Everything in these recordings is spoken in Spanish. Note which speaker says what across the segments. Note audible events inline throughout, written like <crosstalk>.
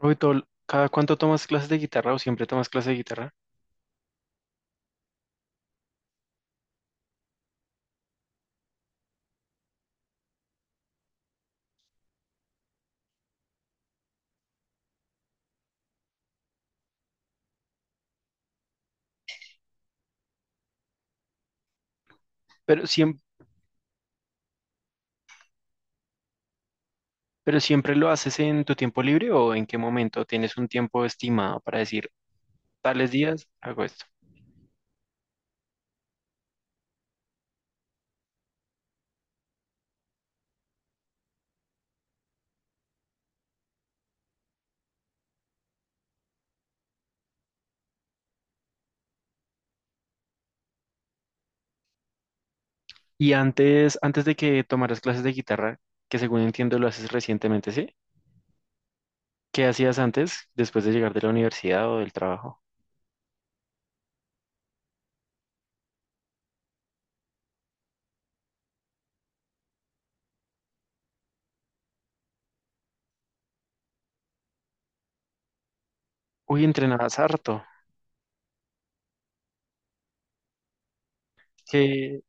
Speaker 1: Uy, ¿cada cuánto tomas clases de guitarra o siempre tomas clases de guitarra? Pero siem- pero siempre lo haces en tu tiempo libre, ¿o en qué momento tienes un tiempo estimado para decir, tales días hago esto? Y antes de que tomaras clases de guitarra, que según entiendo lo haces recientemente, ¿sí? ¿Qué hacías antes, después de llegar de la universidad o del trabajo? Uy, entrenabas harto. Que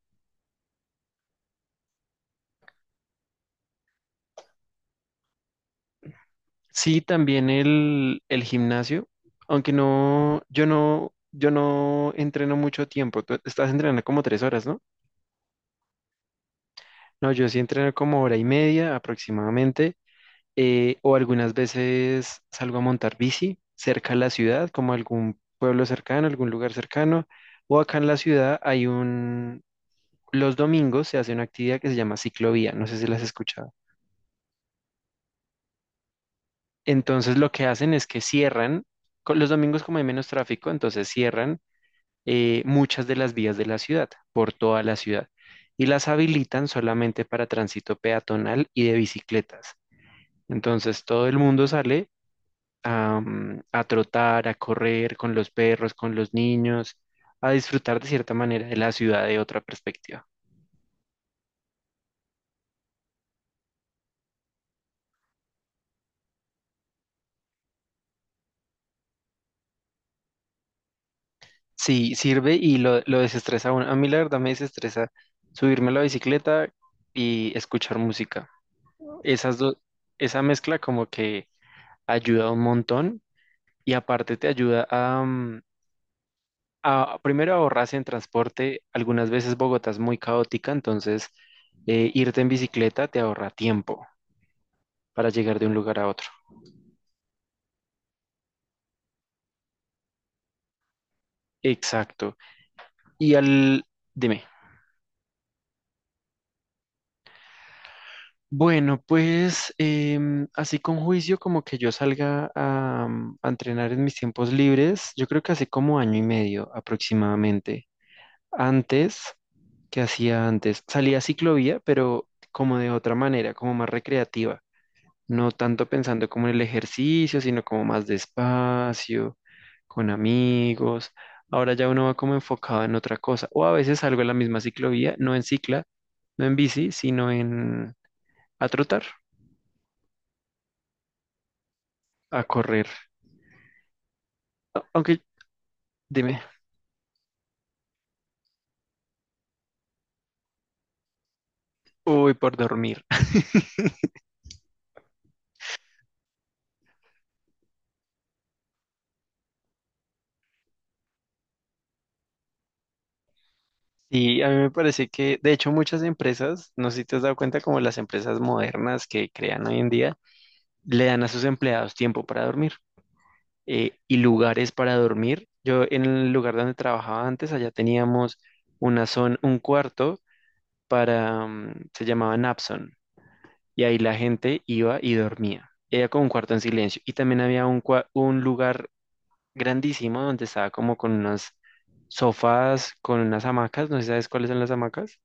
Speaker 1: sí, también el gimnasio, aunque no, yo no entreno mucho tiempo. Tú estás entrenando como tres horas, ¿no? No, yo sí entreno como hora y media aproximadamente, o algunas veces salgo a montar bici cerca de la ciudad, como algún pueblo cercano, algún lugar cercano, o acá en la ciudad hay los domingos se hace una actividad que se llama ciclovía, no sé si las has escuchado. Entonces lo que hacen es que cierran, con los domingos como hay menos tráfico, entonces cierran muchas de las vías de la ciudad, por toda la ciudad, y las habilitan solamente para tránsito peatonal y de bicicletas. Entonces todo el mundo sale a, a trotar, a correr con los perros, con los niños, a disfrutar de cierta manera de la ciudad, de otra perspectiva. Sí, sirve y lo desestresa a uno. A mí la verdad me desestresa subirme a la bicicleta y escuchar música. Esas dos, esa mezcla como que ayuda un montón y aparte te ayuda a, a primero ahorrarse en transporte. Algunas veces Bogotá es muy caótica, entonces irte en bicicleta te ahorra tiempo para llegar de un lugar a otro. Exacto. Y al... Dime. Bueno, pues así con juicio como que yo salga a, a entrenar en mis tiempos libres, yo creo que hace como año y medio aproximadamente. Antes, ¿qué hacía antes? Salía a ciclovía, pero como de otra manera, como más recreativa, no tanto pensando como en el ejercicio, sino como más despacio, con amigos. Ahora ya uno va como enfocado en otra cosa. O a veces salgo en la misma ciclovía, no en cicla, no en bici, sino en a trotar, a correr. Aunque dime, uy, por dormir. <laughs> Y a mí me parece que, de hecho, muchas empresas, no sé si te has dado cuenta, como las empresas modernas que crean hoy en día, le dan a sus empleados tiempo para dormir, y lugares para dormir. Yo en el lugar donde trabajaba antes, allá teníamos una zona, un cuarto para, se llamaba Napson, y ahí la gente iba y dormía. Era como un cuarto en silencio. Y también había un, un lugar grandísimo donde estaba como con unos sofás, con unas hamacas, no sé si sabes cuáles son las hamacas.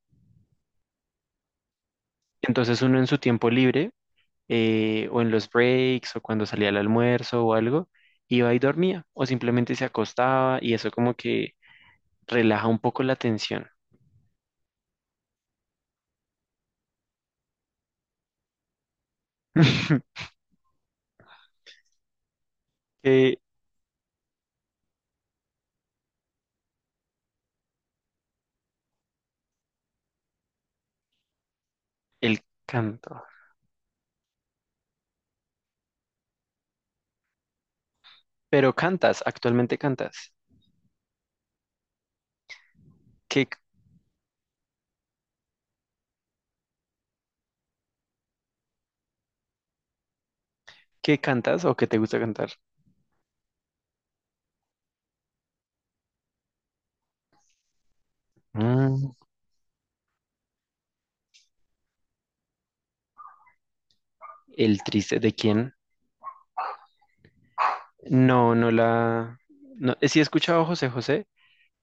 Speaker 1: Entonces uno en su tiempo libre, o en los breaks, o cuando salía al almuerzo o algo, iba y dormía, o simplemente se acostaba y eso como que relaja un poco la tensión. <laughs> Que el canto. Pero cantas, actualmente cantas. ¿Qué, qué cantas o qué te gusta cantar? Mm, el triste, ¿de quién? No, no la... No, sí he escuchado a José José,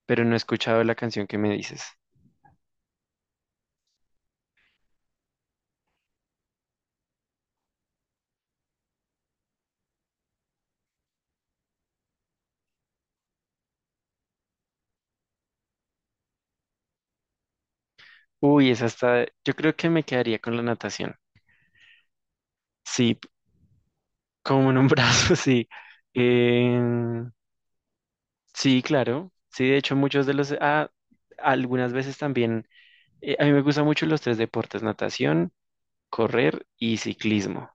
Speaker 1: pero no he escuchado la canción que me dices. Uy, esa está... Yo creo que me quedaría con la natación. Sí, como en un <laughs> brazo, sí. Eh, sí, claro. Sí, de hecho muchos de los... Ah, algunas veces también a mí me gustan mucho los tres deportes, natación, correr y ciclismo.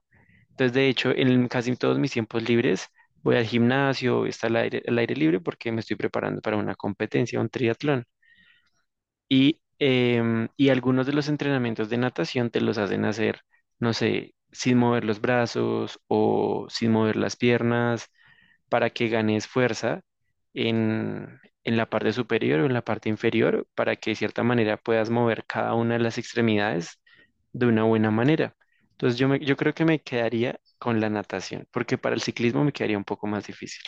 Speaker 1: Entonces, de hecho, en casi todos mis tiempos libres voy al gimnasio, está al aire libre porque me estoy preparando para una competencia, un triatlón. Y, y algunos de los entrenamientos de natación te los hacen hacer, no sé, sin mover los brazos o sin mover las piernas para que ganes fuerza en la parte superior o en la parte inferior, para que de cierta manera puedas mover cada una de las extremidades de una buena manera. Entonces yo creo que me quedaría con la natación, porque para el ciclismo me quedaría un poco más difícil.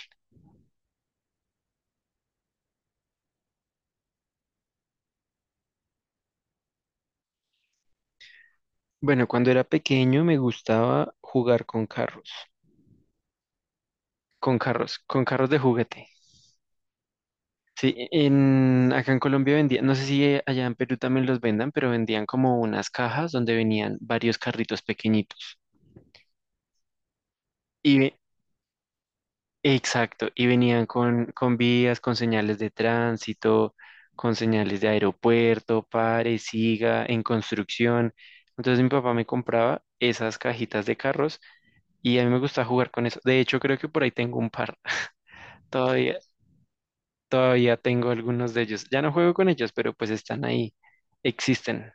Speaker 1: Bueno, cuando era pequeño me gustaba jugar con carros, con carros, con carros de juguete. Sí, acá en Colombia vendían, no sé si allá en Perú también los vendan, pero vendían como unas cajas donde venían varios carritos pequeñitos. Y exacto, y venían con vías, con señales de tránsito, con señales de aeropuerto, pare, siga, en construcción. Entonces mi papá me compraba esas cajitas de carros y a mí me gusta jugar con eso. De hecho, creo que por ahí tengo un par. <laughs> Todavía, todavía tengo algunos de ellos. Ya no juego con ellos, pero pues están ahí, existen.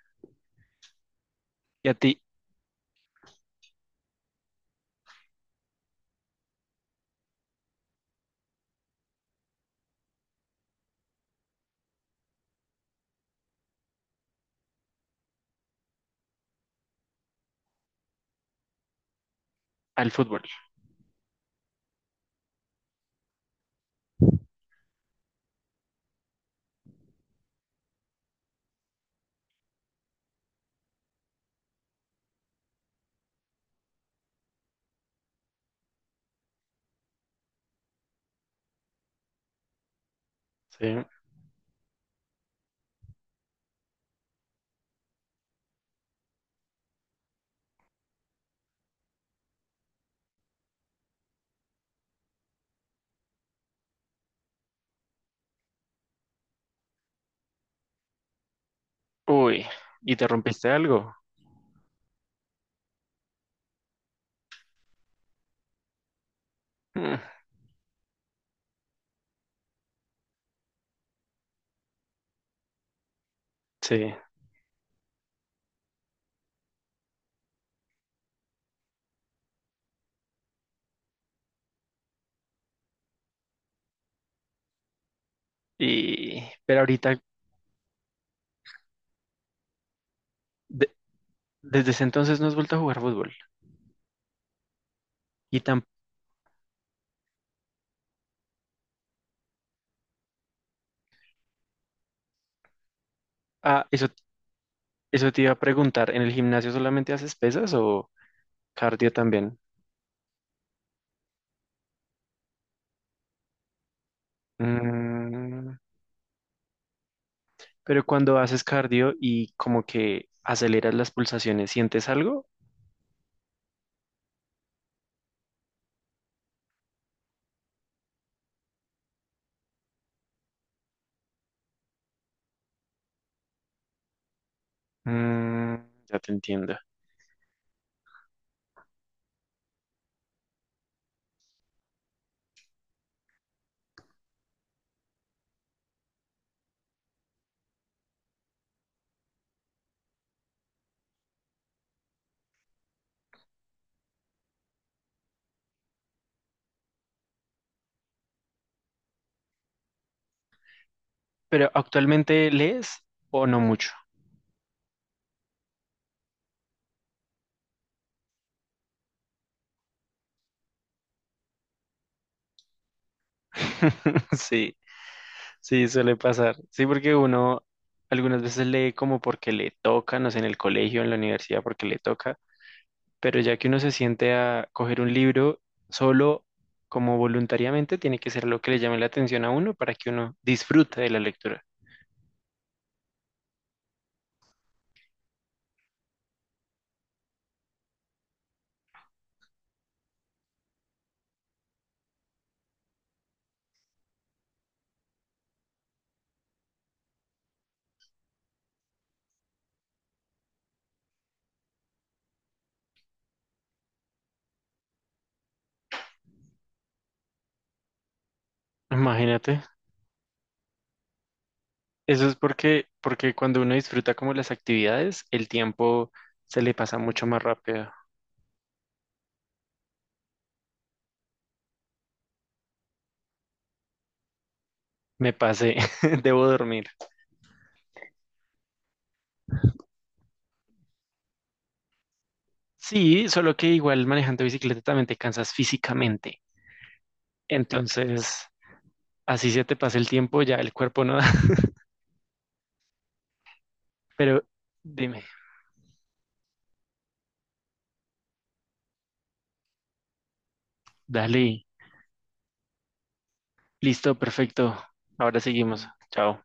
Speaker 1: Y a ti, al fútbol. Sí. Uy, ¿y te rompiste algo? Mm, sí. Y pero ahorita, de- desde ese entonces no has vuelto a jugar fútbol. Y tam ah, eso te iba a preguntar, ¿en el gimnasio solamente haces pesas o cardio también? Mm, pero cuando haces cardio y como que aceleras las pulsaciones, ¿sientes algo? Mm, ya te entiendo. Pero actualmente lees o no mucho. <laughs> Sí, sí, suele pasar. Sí, porque uno algunas veces lee como porque le toca, no sé, en el colegio, en la universidad, porque le toca, pero ya que uno se siente a coger un libro solo, como voluntariamente, tiene que ser lo que le llame la atención a uno para que uno disfrute de la lectura. Imagínate, eso es porque, porque cuando uno disfruta como las actividades, el tiempo se le pasa mucho más rápido. Me pasé, <laughs> debo dormir. Sí, solo que igual manejando bicicleta también te cansas físicamente. Entonces, así se te pasa el tiempo, ya el cuerpo no da. <laughs> Pero dime, dale. Listo, perfecto. Ahora seguimos. Chao.